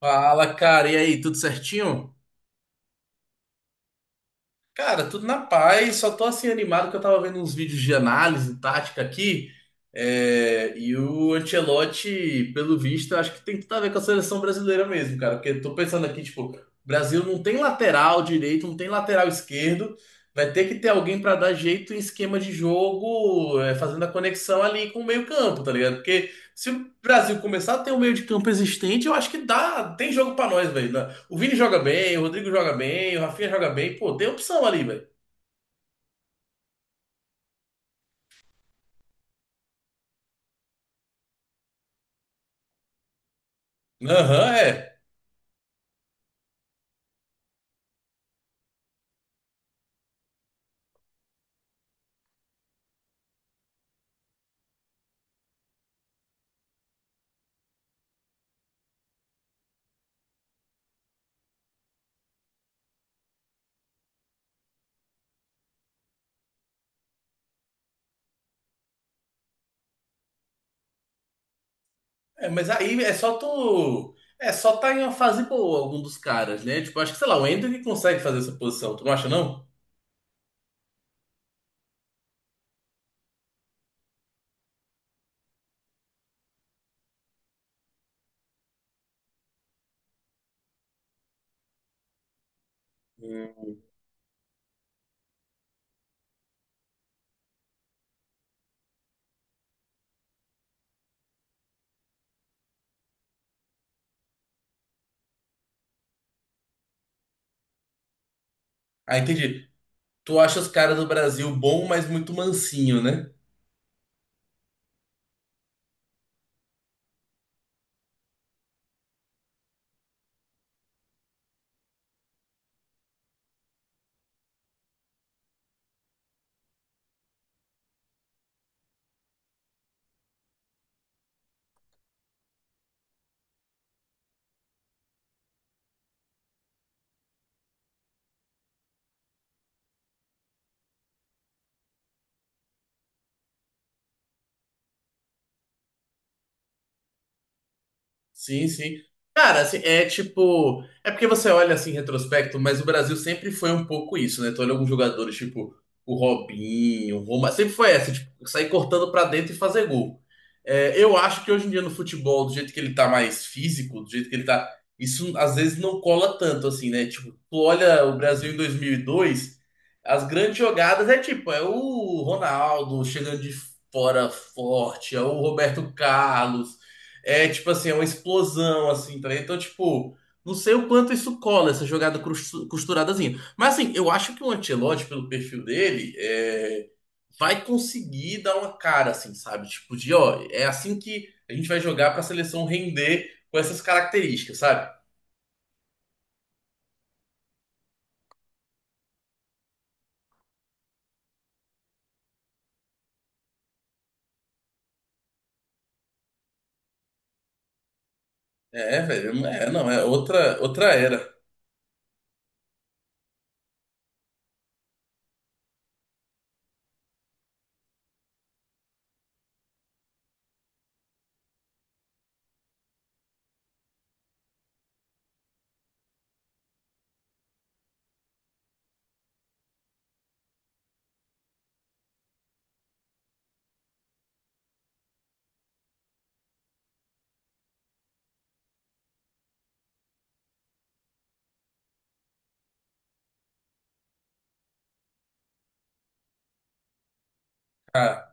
Fala, cara, e aí, tudo certinho? Cara, tudo na paz, só tô assim animado que eu tava vendo uns vídeos de análise tática aqui, e o Ancelotti, pelo visto, eu acho que tem tudo a ver com a seleção brasileira mesmo, cara, porque eu tô pensando aqui, tipo, o Brasil não tem lateral direito, não tem lateral esquerdo, vai ter que ter alguém pra dar jeito em esquema de jogo, fazendo a conexão ali com o meio-campo, tá ligado? Se o Brasil começar a ter um meio de campo existente, eu acho que dá, tem jogo pra nós, velho, né? O Vini joga bem, o Rodrigo joga bem, o Rafinha joga bem, pô, tem opção ali, velho. Aham, é. É, mas aí é só tu. É só tá em uma fase boa, algum dos caras, né? Tipo, acho que, sei lá, o Ender que consegue fazer essa posição, tu não acha, não? Hum. Ah, entendi. Tu acha os caras do Brasil bom, mas muito mansinho, né? Sim, sim. Cara, assim, é tipo. É porque você olha assim em retrospecto, mas o Brasil sempre foi um pouco isso, né? Tu olha alguns jogadores, tipo o Robinho, o Roma, sempre foi essa, tipo, sair cortando pra dentro e fazer gol. É, eu acho que hoje em dia no futebol, do jeito que ele tá mais físico, do jeito que ele tá. Isso às vezes não cola tanto, assim, né? Tipo, tu olha o Brasil em 2002, as grandes jogadas é tipo, é o Ronaldo chegando de fora forte, é o Roberto Carlos. É tipo assim, é uma explosão, assim, tá ligado? Então, tipo, não sei o quanto isso cola, essa jogada costuradazinha. Mas assim, eu acho que o Ancelotti, pelo perfil dele, vai conseguir dar uma cara, assim, sabe? Tipo, de ó, é assim que a gente vai jogar pra seleção render com essas características, sabe? É, velho, não, é outra era. Ah,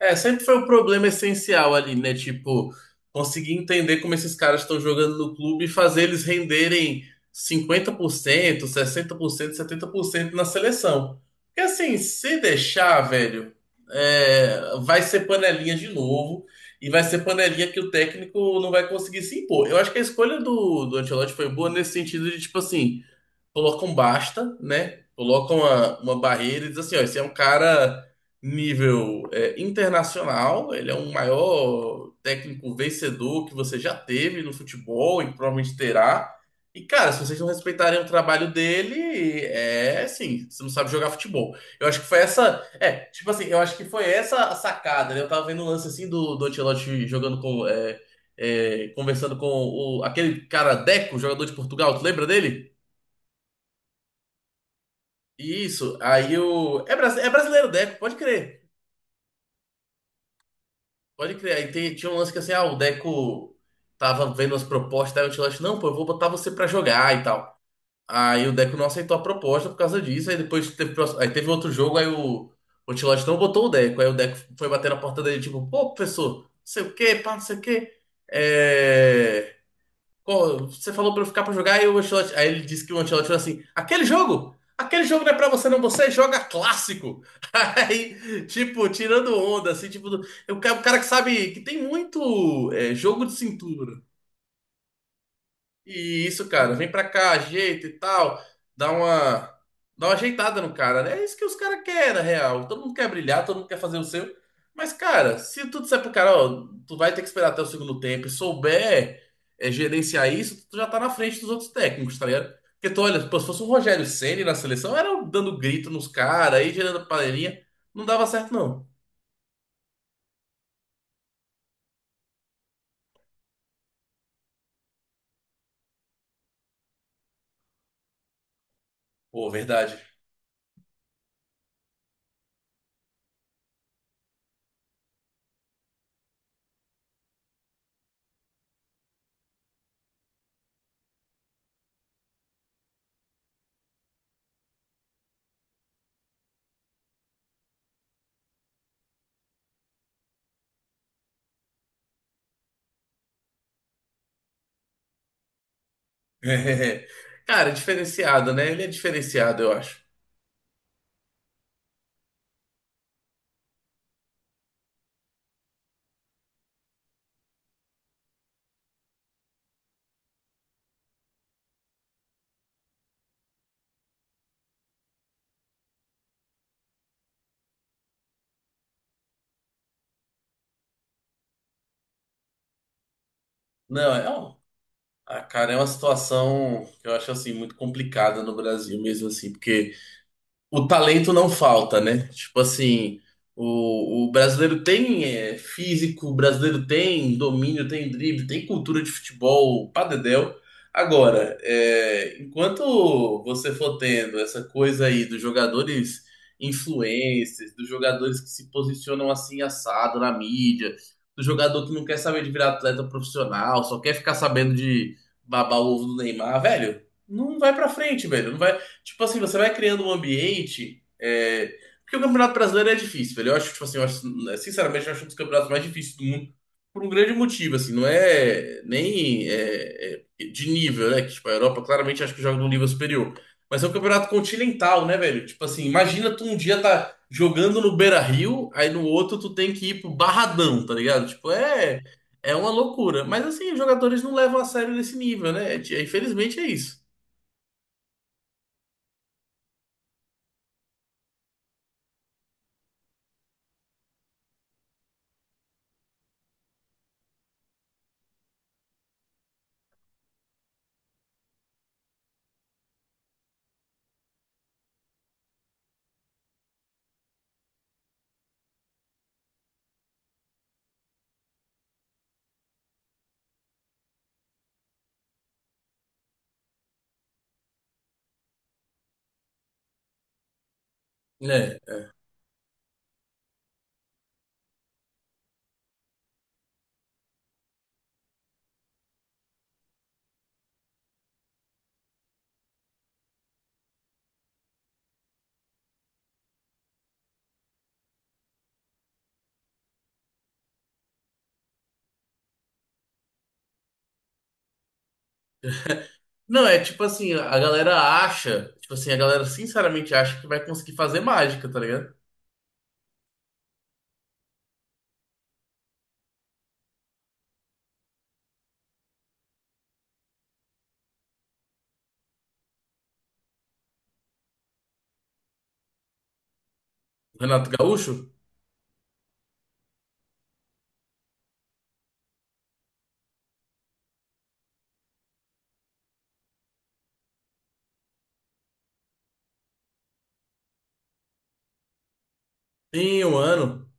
é, sempre foi o problema essencial ali, né? Tipo, conseguir entender como esses caras estão jogando no clube e fazer eles renderem 50%, 60%, 70% na seleção. Porque assim, se deixar, velho, vai ser panelinha de novo e vai ser panelinha que o técnico não vai conseguir se impor. Eu acho que a escolha do Ancelotti foi boa nesse sentido de, tipo assim, colocam basta, né? Colocam uma barreira e diz assim, ó, esse é um cara nível internacional, ele é um maior técnico vencedor que você já teve no futebol e provavelmente terá. E, cara, se vocês não respeitarem o trabalho dele, é assim, você não sabe jogar futebol. Eu acho que foi essa. É, tipo assim, eu acho que foi essa a sacada, né? Eu tava vendo um lance assim do Ancelotti jogando com. Conversando com aquele cara Deco, jogador de Portugal, tu lembra dele? Isso, aí o. É, brasi- é brasileiro o Deco, pode crer. Pode crer. Aí tinha um lance que assim, ah, o Deco tava vendo as propostas, aí o Ancelotti, não, pô, eu vou botar você pra jogar e tal. Aí o Deco não aceitou a proposta por causa disso, aí depois teve, aí teve outro jogo, aí o Ancelotti não botou o Deco, aí o Deco foi bater na porta dele, tipo, pô, professor, não sei o quê, pá, não sei o quê. É, você falou pra eu ficar pra jogar e o Ancelotti. Aí ele disse que o Ancelotti falou assim: aquele jogo! Aquele jogo não é pra você, não. Você joga clássico. Aí, tipo, tirando onda, assim, tipo, o cara que sabe que tem muito jogo de cintura. E isso, cara, vem pra cá, ajeita e tal, dá uma, dá uma ajeitada no cara, né? É isso que os caras querem, na real. Todo mundo quer brilhar, todo mundo quer fazer o seu. Mas, cara, se tu disser pro cara, ó, tu vai ter que esperar até o segundo tempo e souber gerenciar isso, tu já tá na frente dos outros técnicos, tá ligado? Porque tu olha, pô, se fosse o Rogério Ceni na seleção, era um dando grito nos caras, aí gerando panelinha, não dava certo, não. Pô, verdade. Cara, é diferenciado, né? Ele é diferenciado, eu acho. Não, ah, cara, é uma situação que eu acho assim muito complicada no Brasil mesmo assim, porque o talento não falta, né? Tipo assim, o brasileiro tem físico, o brasileiro tem domínio, tem drible, tem cultura de futebol, pá dedéu. Agora, enquanto você for tendo essa coisa aí dos jogadores influencers, dos jogadores que se posicionam assim assado na mídia, do jogador que não quer saber de virar atleta profissional, só quer ficar sabendo de babar o ovo do Neymar, velho, não vai pra frente, velho. Não vai, Tipo assim, você vai criando um ambiente. Porque o Campeonato Brasileiro é difícil, velho. Eu acho, tipo assim, eu acho, né, sinceramente, eu acho um dos campeonatos mais difíceis do mundo por um grande motivo, assim, não é nem de nível, né? Que, tipo, a Europa claramente acho que joga num nível superior. Mas é um campeonato continental, né, velho? Tipo assim, imagina tu um dia tá jogando no Beira-Rio, aí no outro tu tem que ir pro Barradão, tá ligado? Tipo, é uma loucura. Mas assim, os jogadores não levam a sério nesse nível, né? É, infelizmente é isso. É, não, é tipo assim, a galera acha, tipo assim, a galera sinceramente acha que vai conseguir fazer mágica, tá ligado? Renato Gaúcho em um ano.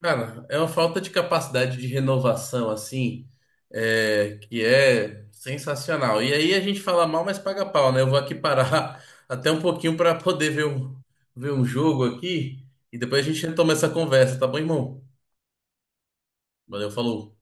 Cara, é uma falta de capacidade de renovação, assim, que é sensacional. E aí a gente fala mal, mas paga pau, né? Eu vou aqui parar até um pouquinho pra poder ver um, jogo aqui e depois a gente retoma essa conversa, tá bom, irmão? Valeu, falou.